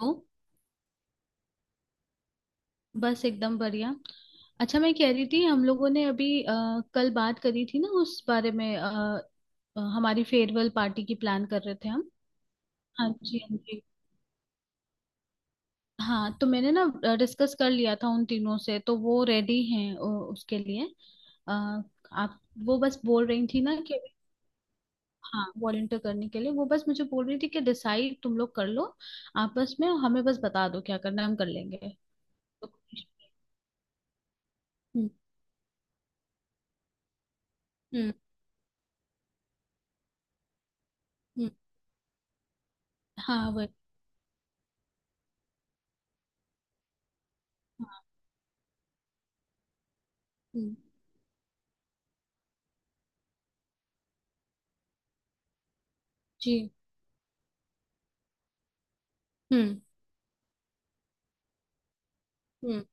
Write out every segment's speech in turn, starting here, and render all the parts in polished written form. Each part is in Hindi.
हूँ। बस एकदम बढ़िया। अच्छा, मैं कह रही थी हम लोगों ने अभी कल बात करी थी ना उस बारे में हमारी फेयरवेल पार्टी की प्लान कर रहे थे हम। हाँ जी हाँ जी। हाँ, तो मैंने ना डिस्कस कर लिया था उन तीनों से, तो वो रेडी हैं उसके लिए। आप, वो बस बोल रही थी ना कि हाँ वॉलंटियर करने के लिए। वो बस मुझे बोल रही थी कि डिसाइड तुम लोग कर लो आपस में, और हमें बस बता दो क्या करना है, हम कर लेंगे। तो- हम्म हम्म हम्म, हाँ वही। हम्म, जी। हम्म हम्म।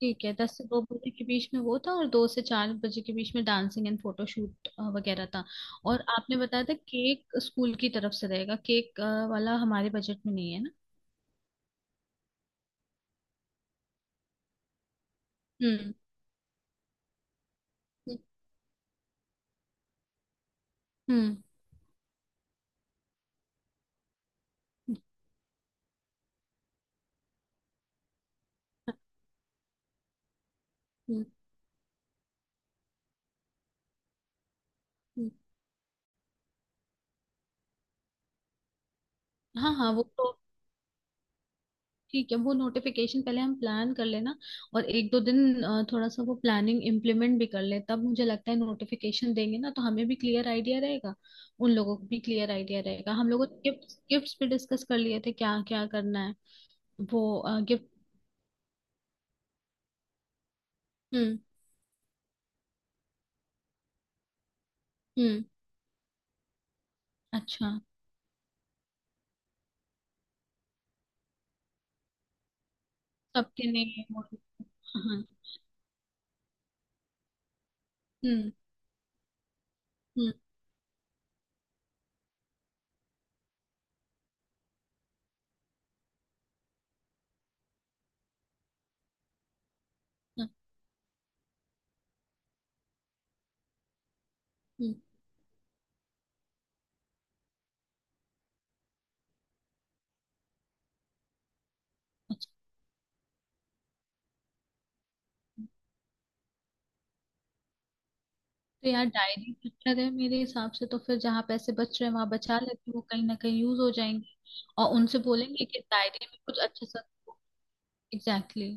ठीक है, 10 से 2 बजे के बीच में वो था और 2 से 4 बजे के बीच में डांसिंग एंड फोटोशूट वगैरह था। और आपने बताया था केक स्कूल की तरफ से रहेगा, केक वाला हमारे बजट में नहीं है ना। हम्म हम्म हम्म हम्म, हम्म, हाँ हाँ वो तो ठीक है, वो नोटिफिकेशन पहले हम प्लान कर लेना। और एक दो दिन थोड़ा सा वो प्लानिंग इम्प्लीमेंट भी कर ले, तब मुझे लगता है नोटिफिकेशन देंगे ना तो हमें भी क्लियर आइडिया रहेगा, उन लोगों को भी क्लियर आइडिया रहेगा। हम लोगों ने गिफ्ट गिफ्ट्स भी डिस्कस कर लिए थे क्या क्या करना है। वो, गिफ्ट। हम्म हम्म। अच्छा, सबके नेम और। हाँ। हम्म हम्म हम्म हम्म, अच्छा। तो यार डायरी अच्छा है मेरे हिसाब से, तो फिर जहाँ पैसे बच रहे हैं वहां बचा लेते हैं, वो कहीं ना कहीं यूज हो जाएंगे। और उनसे बोलेंगे कि डायरी में कुछ अच्छा सा। Exactly exactly।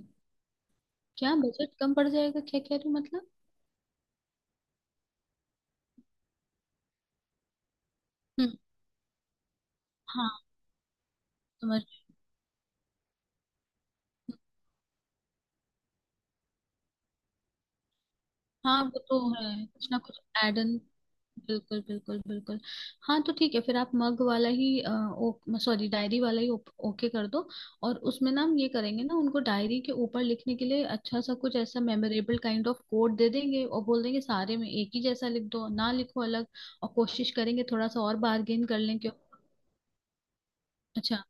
क्या बजट कम पड़ जाएगा, क्या कह रही हो मतलब? हम्म, हाँ समझ। हाँ वो तो है, कुछ ना कुछ एडन। बिल्कुल बिल्कुल बिल्कुल। हाँ तो ठीक है, फिर आप मग वाला ही ओ सॉरी, डायरी वाला ही ओके कर दो। और उसमें ना हम ये करेंगे ना, उनको डायरी के ऊपर लिखने के लिए अच्छा सा कुछ ऐसा मेमोरेबल काइंड ऑफ कोड दे देंगे और बोल देंगे सारे में एक ही जैसा लिख दो, ना लिखो अलग। और कोशिश करेंगे थोड़ा सा और बार्गेन कर लें, क्यों। अच्छा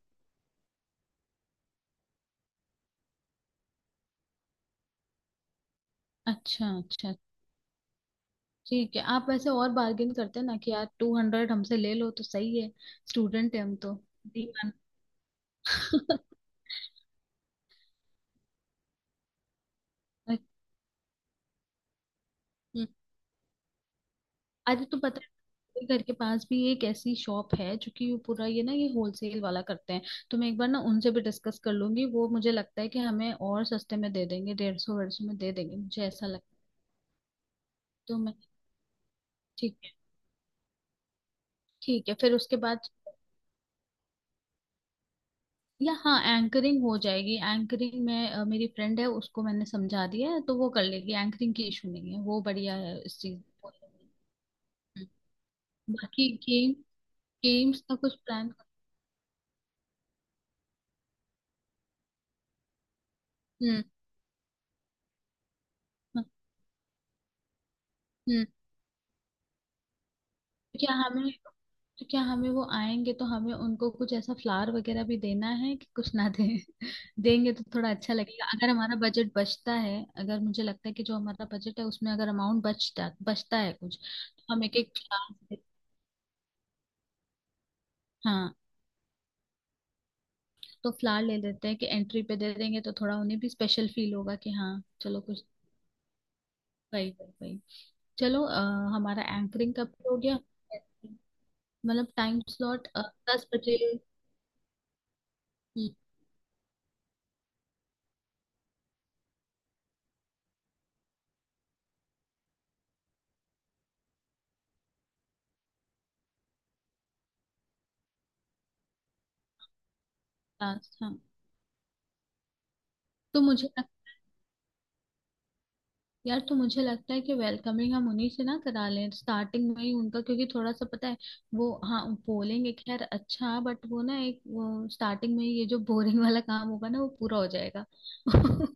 अच्छा। अच्छा। ठीक है, आप वैसे और बार्गेन करते हैं ना कि यार 200 हमसे ले लो तो सही है, स्टूडेंट है हम तो। नहीं मानते। हम्म। अरे, तो पता है मेरे घर के पास भी एक ऐसी शॉप है जो कि वो पूरा ये ना ये होलसेल वाला करते हैं, तो मैं एक बार ना उनसे भी डिस्कस कर लूंगी। वो मुझे लगता है कि हमें और सस्ते में दे देंगे, 150, 150 में दे देंगे मुझे ऐसा लगता है। तो मैं, ठीक है ठीक है फिर उसके बाद। या हाँ, एंकरिंग हो जाएगी, एंकरिंग में मेरी फ्रेंड है उसको मैंने समझा दिया है तो वो कर लेगी, एंकरिंग की इशू नहीं है, वो बढ़िया है इस चीज। बाकी गेम, गेम्स का कुछ प्लान। हम्म हम्म। तो क्या हमें तो क्या हमें वो आएंगे तो हमें उनको कुछ ऐसा फ्लावर वगैरह भी देना है कि कुछ ना दें। देंगे तो थोड़ा अच्छा लगेगा अगर हमारा बजट बचता है। अगर मुझे लगता है कि जो हमारा बजट है उसमें अगर अमाउंट बचता बचता है कुछ, तो हम एक एक फ्लावर। हाँ, तो फ्लावर ले लेते हैं कि एंट्री पे दे देंगे तो थोड़ा उन्हें भी स्पेशल फील होगा कि हाँ चलो कुछ। भाई भाई भाई। चलो हमारा एंकरिंग कब हो गया? मतलब टाइम स्लॉट, 10 बजे। लास्ट हाँ। तो मुझे, यार, तो मुझे लगता है कि वेलकमिंग हम उन्हीं से ना करा लें, स्टार्टिंग में ही उनका, क्योंकि थोड़ा सा पता है वो हाँ बोलेंगे खैर अच्छा, बट वो ना एक वो स्टार्टिंग में ही ये जो बोरिंग वाला काम होगा ना वो पूरा हो जाएगा।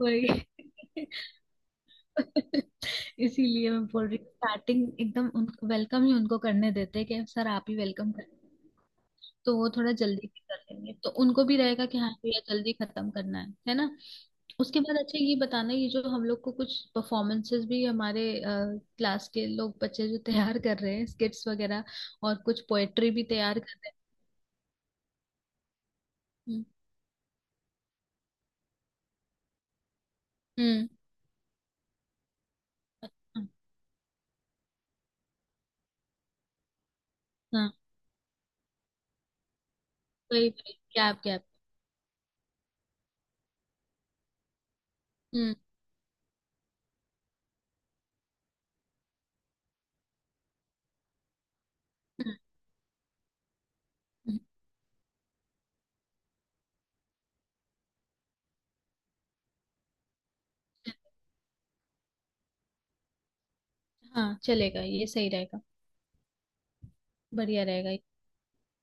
वही। इसीलिए मैं बोल रही हूँ स्टार्टिंग एकदम उन वेलकम ही उनको करने देते हैं कि सर आप ही वेलकम करें। तो वो थोड़ा जल्दी भी कर लेंगे तो उनको भी रहेगा कि हाँ भैया जल्दी खत्म करना है ना। उसके बाद अच्छा ये बताना, ये जो हम लोग को कुछ परफॉर्मेंसेस भी हमारे क्लास के लोग बच्चे जो तैयार कर रहे हैं स्किट्स वगैरह, और कुछ पोएट्री भी तैयार कर रहे हैं। हम्म, अच्छा, हाँ वही वही, गैप गैप। हम्म हम्म, हम्म। हाँ चलेगा, ये सही रहेगा। बढ़िया रहेगा ये।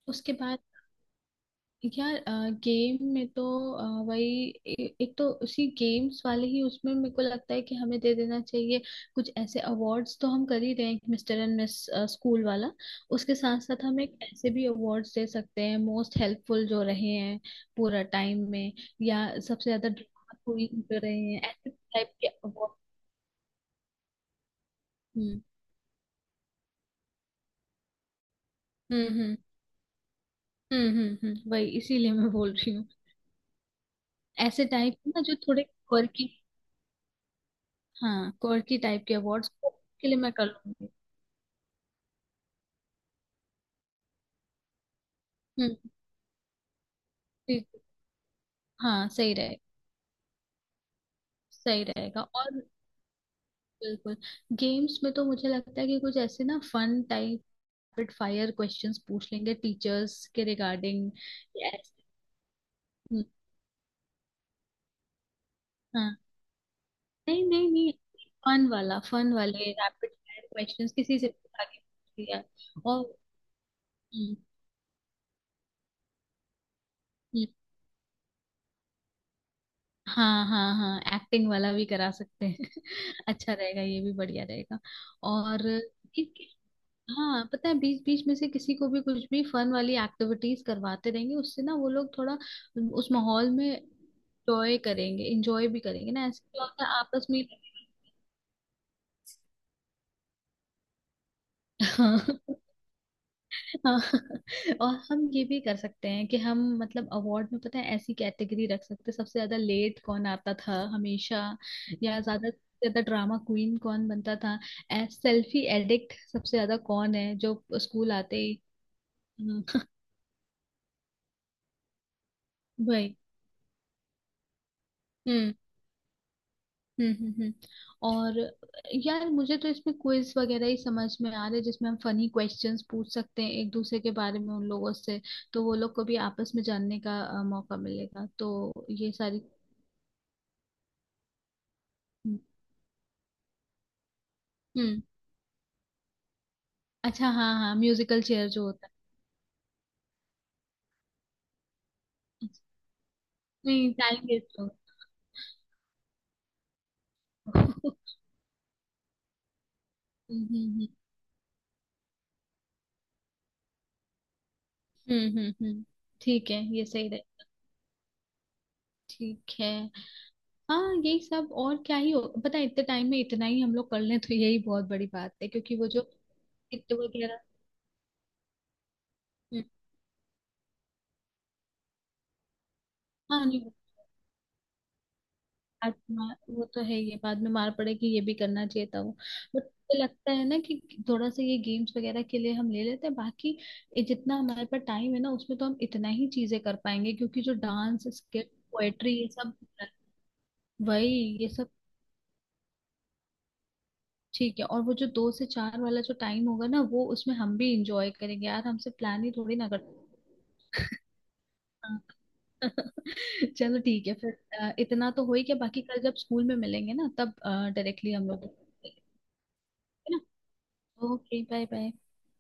उसके बाद यार गेम में तो वही एक तो उसी गेम्स वाले ही, उसमें मेरे को लगता है कि हमें दे देना चाहिए, कुछ ऐसे अवार्ड्स तो हम कर ही रहे हैं, मिस्टर एंड मिस स्कूल वाला। उसके साथ साथ हम एक ऐसे भी अवार्ड्स दे सकते हैं, मोस्ट हेल्पफुल जो रहे हैं पूरा टाइम में, या सबसे ज्यादा ड्रामा क्वीन जो रहे हैं, ऐसे टाइप के अवार्ड। हम्म हम्म हम्म वही इसीलिए मैं बोल रही हूँ। ऐसे टाइप ना जो थोड़े quirky, हाँ क्वर्की टाइप के अवार्ड्स के लिए, मैं कर लूंगी। हम्म। ठीक है। हाँ सही रहेगा। सही रहेगा, और बिल्कुल, गेम्स में तो मुझे लगता है कि कुछ ऐसे ना fun type, rapid fire questions पूछ लेंगे टीचर्स के रिगार्डिंग, ऐसे। हाँ नहीं नहीं नहीं, फन वाला, फन वाले रैपिड फायर क्वेश्चंस किसी से भी आगे पूछ लिया। और हम्म, हम्म, हाँ हाँ हाँ, एक्टिंग वाला भी करा सकते हैं। अच्छा रहेगा ये, भी बढ़िया रहेगा। और एक हाँ, पता है बीच बीच में से किसी को भी कुछ भी फन वाली एक्टिविटीज करवाते रहेंगे, उससे ना वो लोग थोड़ा उस माहौल में एंजॉय करेंगे, एंजॉय भी करेंगे ना, ऐसे क्या होता है आपस में। हाँ हाँ। और हम ये भी कर सकते हैं कि हम मतलब अवार्ड में, पता है ऐसी कैटेगरी रख सकते हैं, सबसे ज्यादा लेट कौन आता था हमेशा, या ज्यादा से ज्यादा ड्रामा क्वीन कौन बनता था, सेल्फी एडिक्ट सबसे ज्यादा कौन है जो स्कूल आते ही। हम्म, भाई। हम्म, हम्म हम्म हम्म। और यार मुझे तो इसमें क्विज वगैरह ही समझ में आ रहे हैं, जिसमें हम फनी क्वेश्चंस पूछ सकते हैं एक दूसरे के बारे में उन लोगों से, तो वो लोग को भी आपस में जानने का मौका मिलेगा, तो ये सारी। हम्म, अच्छा हाँ हाँ, म्यूजिकल चेयर जो होता है। नहीं जाएंगे इस लोग। हम्म हम्म हम्म। ठीक है ये सही रहे। ठीक है। हाँ यही सब, और क्या ही हो, पता है इतने टाइम में इतना ही हम लोग कर लें तो यही बहुत बड़ी बात है, क्योंकि वो जो किट वगैरह। हम्म, हाँ नहीं वो वो तो है, ये बाद में मार पड़े कि ये भी करना चाहिए था, वो बट मुझे लगता है ना कि थोड़ा सा ये गेम्स वगैरह के लिए हम ले लेते हैं, बाकी ये जितना हमारे पास टाइम है ना उसमें तो हम इतना ही चीजें कर पाएंगे, क्योंकि जो डांस स्किट पोएट्री ये सब, वही ये सब। ठीक है, और वो जो 2 से 4 वाला जो टाइम होगा ना वो उसमें हम भी इंजॉय करेंगे यार, हमसे प्लान ही थोड़ी ना कर। हाँ। चलो ठीक है फिर इतना तो हो ही गया, बाकी कल जब स्कूल में मिलेंगे ना तब डायरेक्टली हम लोग, है ना? Okay bye bye.